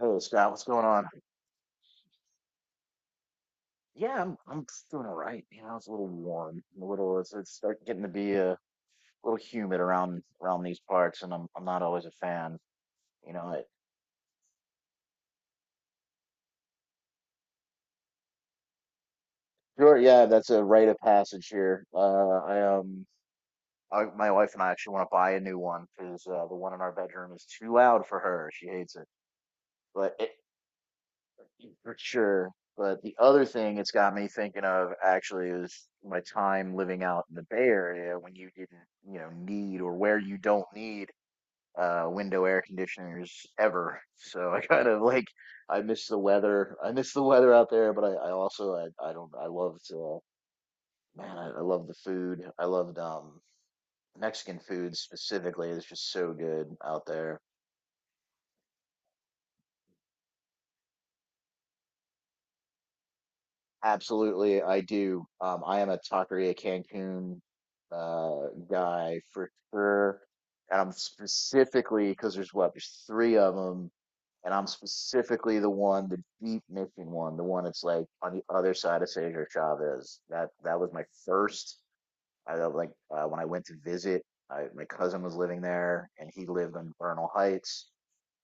Hey Scott, what's going on? Yeah, I'm just doing all right. You know, it's a little warm, a little it's starting getting to be a little humid around these parts, and I'm not always a fan. You know, it, sure, yeah, that's a rite of passage here. I, my wife and I actually want to buy a new one because the one in our bedroom is too loud for her. She hates it, but it for sure. But the other thing it's got me thinking of actually is my time living out in the Bay Area when you didn't, you know, need or where you don't need window air conditioners ever. So I kind of like I miss the weather. I miss the weather out there, but I also I don't I loved man I love the food. I loved Mexican food specifically. It's just so good out there. Absolutely, I do. I am a Taqueria Cancun guy for sure. And I'm specifically because there's three of them and I'm specifically the one, the deep mission one, the one that's like on the other side of Cesar Chavez. That was my first. I like when I went to visit. I, my cousin was living there, and he lived on Vernal Heights.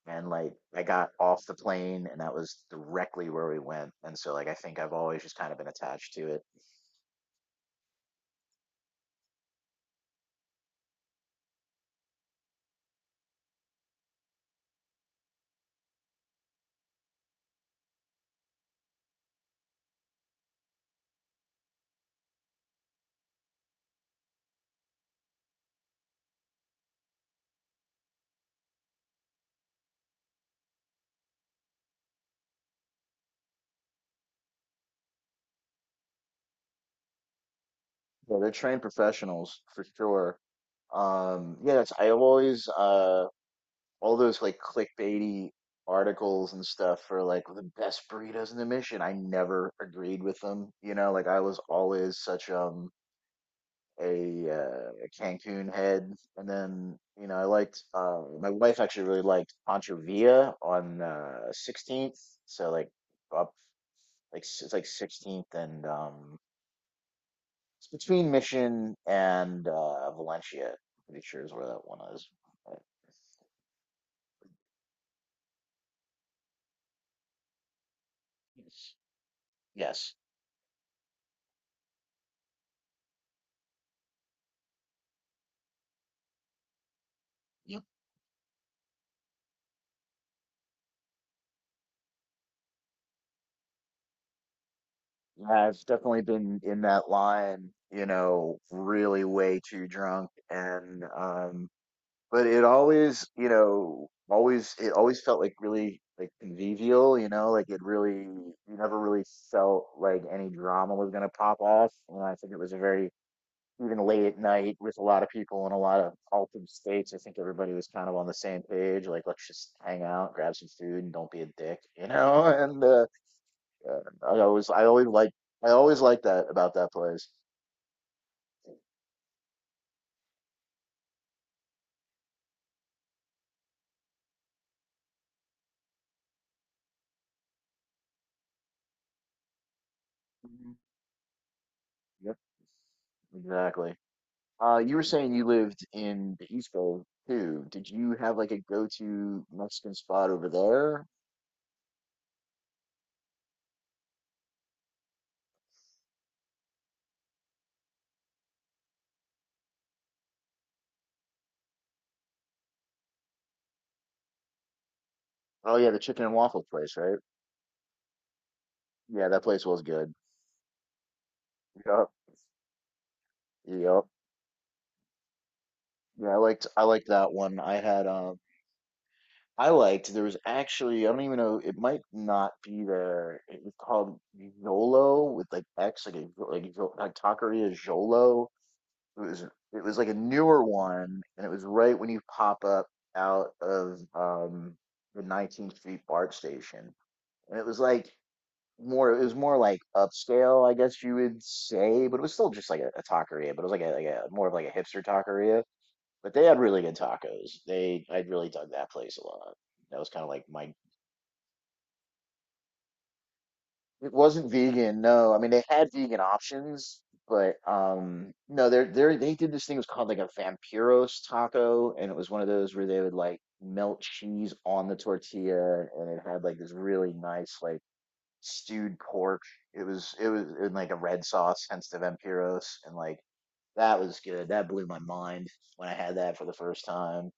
And like I got off the plane, and that was directly where we went. And so like I think I've always just kind of been attached to it. Yeah, they're trained professionals for sure. Yeah, that's, I've always all those like clickbaity articles and stuff for like the best burritos in the mission. I never agreed with them. You know, like I was always such a Cancun head, and then you know I liked my wife actually really liked Pancho Villa on 16th. So like up it's like 16th and it's between Mission and Valencia. I'm pretty sure is where that one is. But yes. Yes. Yeah, I've definitely been in that line, you know, really way too drunk and but it always, you know, always it always felt like really like convivial, you know, like it really you never really felt like any drama was gonna pop off. And I think it was a very even late at night with a lot of people in a lot of altered states, I think everybody was kind of on the same page, like let's just hang out, grab some food and don't be a dick, you know? And yeah, I always like that about that place. Mhm. Yep, exactly. You were saying you lived in the East Bay too. Did you have like a go-to Mexican spot over there? Oh yeah, the chicken and waffle place, right? Yeah, that place was good. Yep. Yep. Yeah, I liked that one. I liked. There was actually, I don't even know. It might not be there. It was called Jolo with like X, like Taqueria Jolo. It was like a newer one, and it was right when you pop up out of the 19th Street BART station, and it was like more it was more like upscale, I guess you would say, but it was still just like a taqueria, but it was like a more of like a hipster taqueria. But they had really good tacos. They I really dug that place a lot. That was kind of like my. It wasn't vegan, no. I mean, they had vegan options, but no, they did this thing it was called like a vampiros taco, and it was one of those where they would like melt cheese on the tortilla, and it had like this really nice like stewed pork. It was in like a red sauce, hence the vampiros, and like that was good. That blew my mind when I had that for the first time.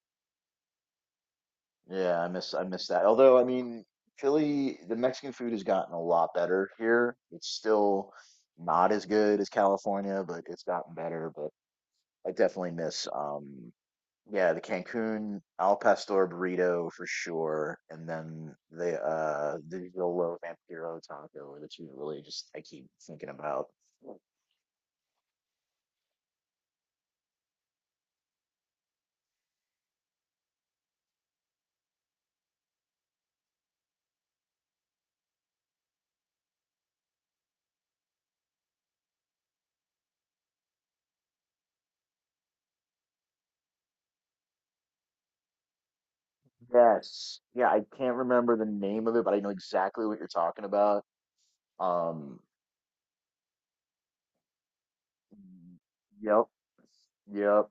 Yeah, I miss that. Although, I mean, Philly, the Mexican food has gotten a lot better here. It's still not as good as California, but it's gotten better. But I definitely miss yeah, the Cancun al pastor burrito for sure, and then the Yolo Vampiro taco are the two that really just I keep thinking about. Yes. Yeah, I can't remember the name of it, but I know exactly what you're talking about. Um, yep. Yep.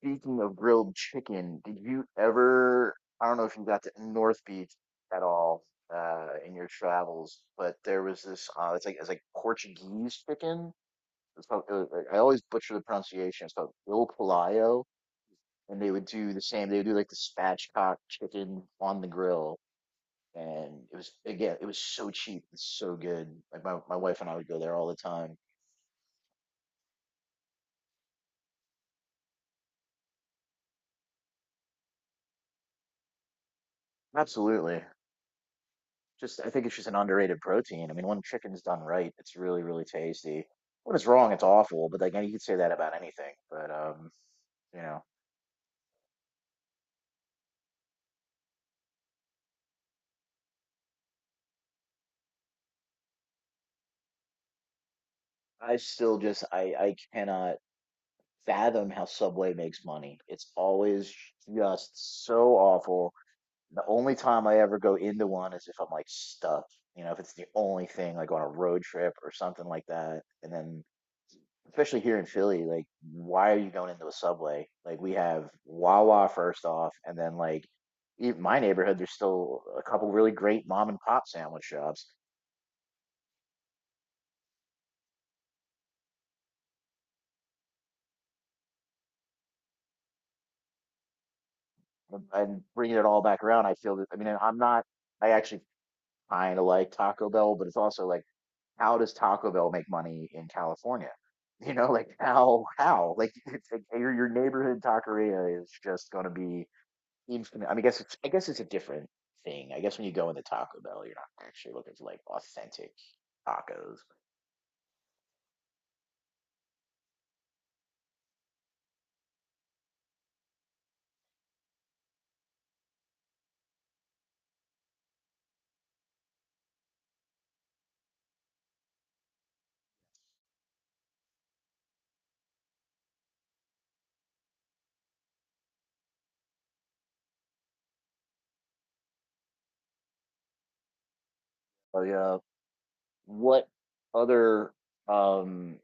Speaking of grilled chicken, did you ever, I don't know if you got to North Beach at all in your travels, but there was it's like Portuguese chicken. It's called, I always butcher the pronunciation. It's called Il Palaio, and they would do the same. They would do like the spatchcock chicken on the grill, and it was again, it was so cheap, it's so good. Like my wife and I would go there all the time. Absolutely. Just, I think it's just an underrated protein. I mean, when chicken's done right, it's really, really tasty. When it's wrong, it's awful. But like, you could say that about anything. But you know, I still just, I cannot fathom how Subway makes money. It's always just so awful. The only time I ever go into one is if I'm like stuck. You know, if it's the only thing, like on a road trip or something like that. And then especially here in Philly, like, why are you going into a subway? Like, we have Wawa first off, and then like in my neighborhood, there's still a couple really great mom and pop sandwich shops. And- Bringing it all back around, I feel that I mean, I'm not. I actually kind of like Taco Bell, but it's also like, how does Taco Bell make money in California? You know, like how like it's like your neighborhood taqueria is just going to be. Seems to me, I mean, I guess it's a different thing. I guess when you go into Taco Bell, you're not actually looking for like authentic tacos. But what other um,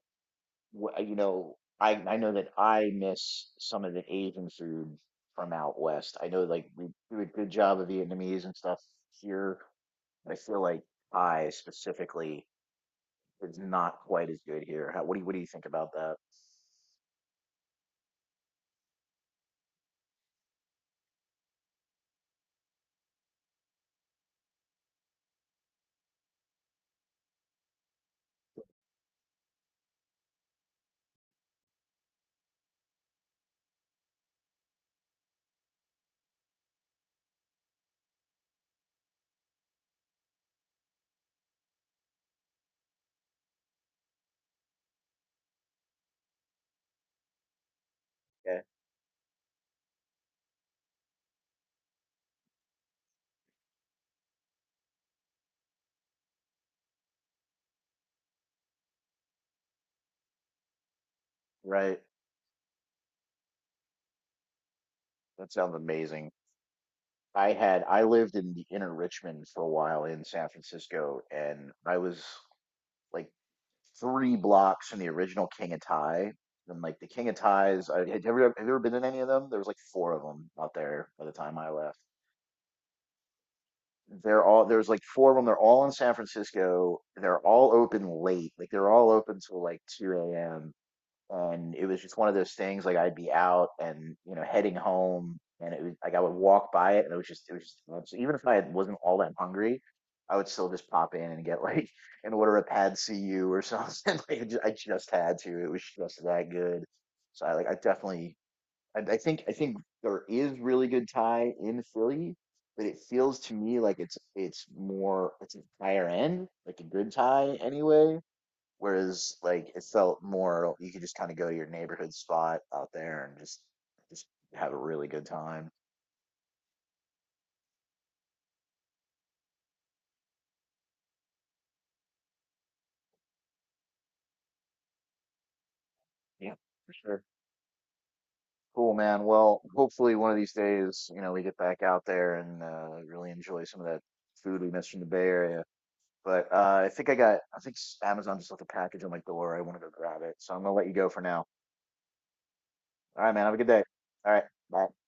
you know, I know that I miss some of the Asian food from out west. I know like we do a good job of Vietnamese and stuff here, but I feel like Thai specifically is not quite as good here. How, what do you think about that? Yeah, right. That sounds amazing. I lived in the inner Richmond for a while in San Francisco, and I was like 3 blocks from the original King of Thai. And like the King of Thais, I, had you ever have you ever been in any of them? There was like four of them out there by the time I left. They're all There's like four of them. They're all in San Francisco. They're all open late. Like they're all open till like 2 a.m. and it was just one of those things like I'd be out and you know heading home and it was like I would walk by it and it was just too even if I wasn't all that hungry I would still just pop in and get like and order a pad see you or something I just had to it was just that good so I like I definitely I think there is really good Thai in Philly but it feels to me like it's more it's a higher end like a good Thai anyway. Whereas like it felt more you could just kind of go to your neighborhood spot out there and just have a really good time. Yeah, for sure. Cool, man. Well, hopefully one of these days, you know, we get back out there and really enjoy some of that food we missed from the Bay Area. But I think I got, I think s- Amazon just left a package on my door. I want to go grab it. So I'm gonna let you go for now. All right, man. Have a good day. All right. Bye.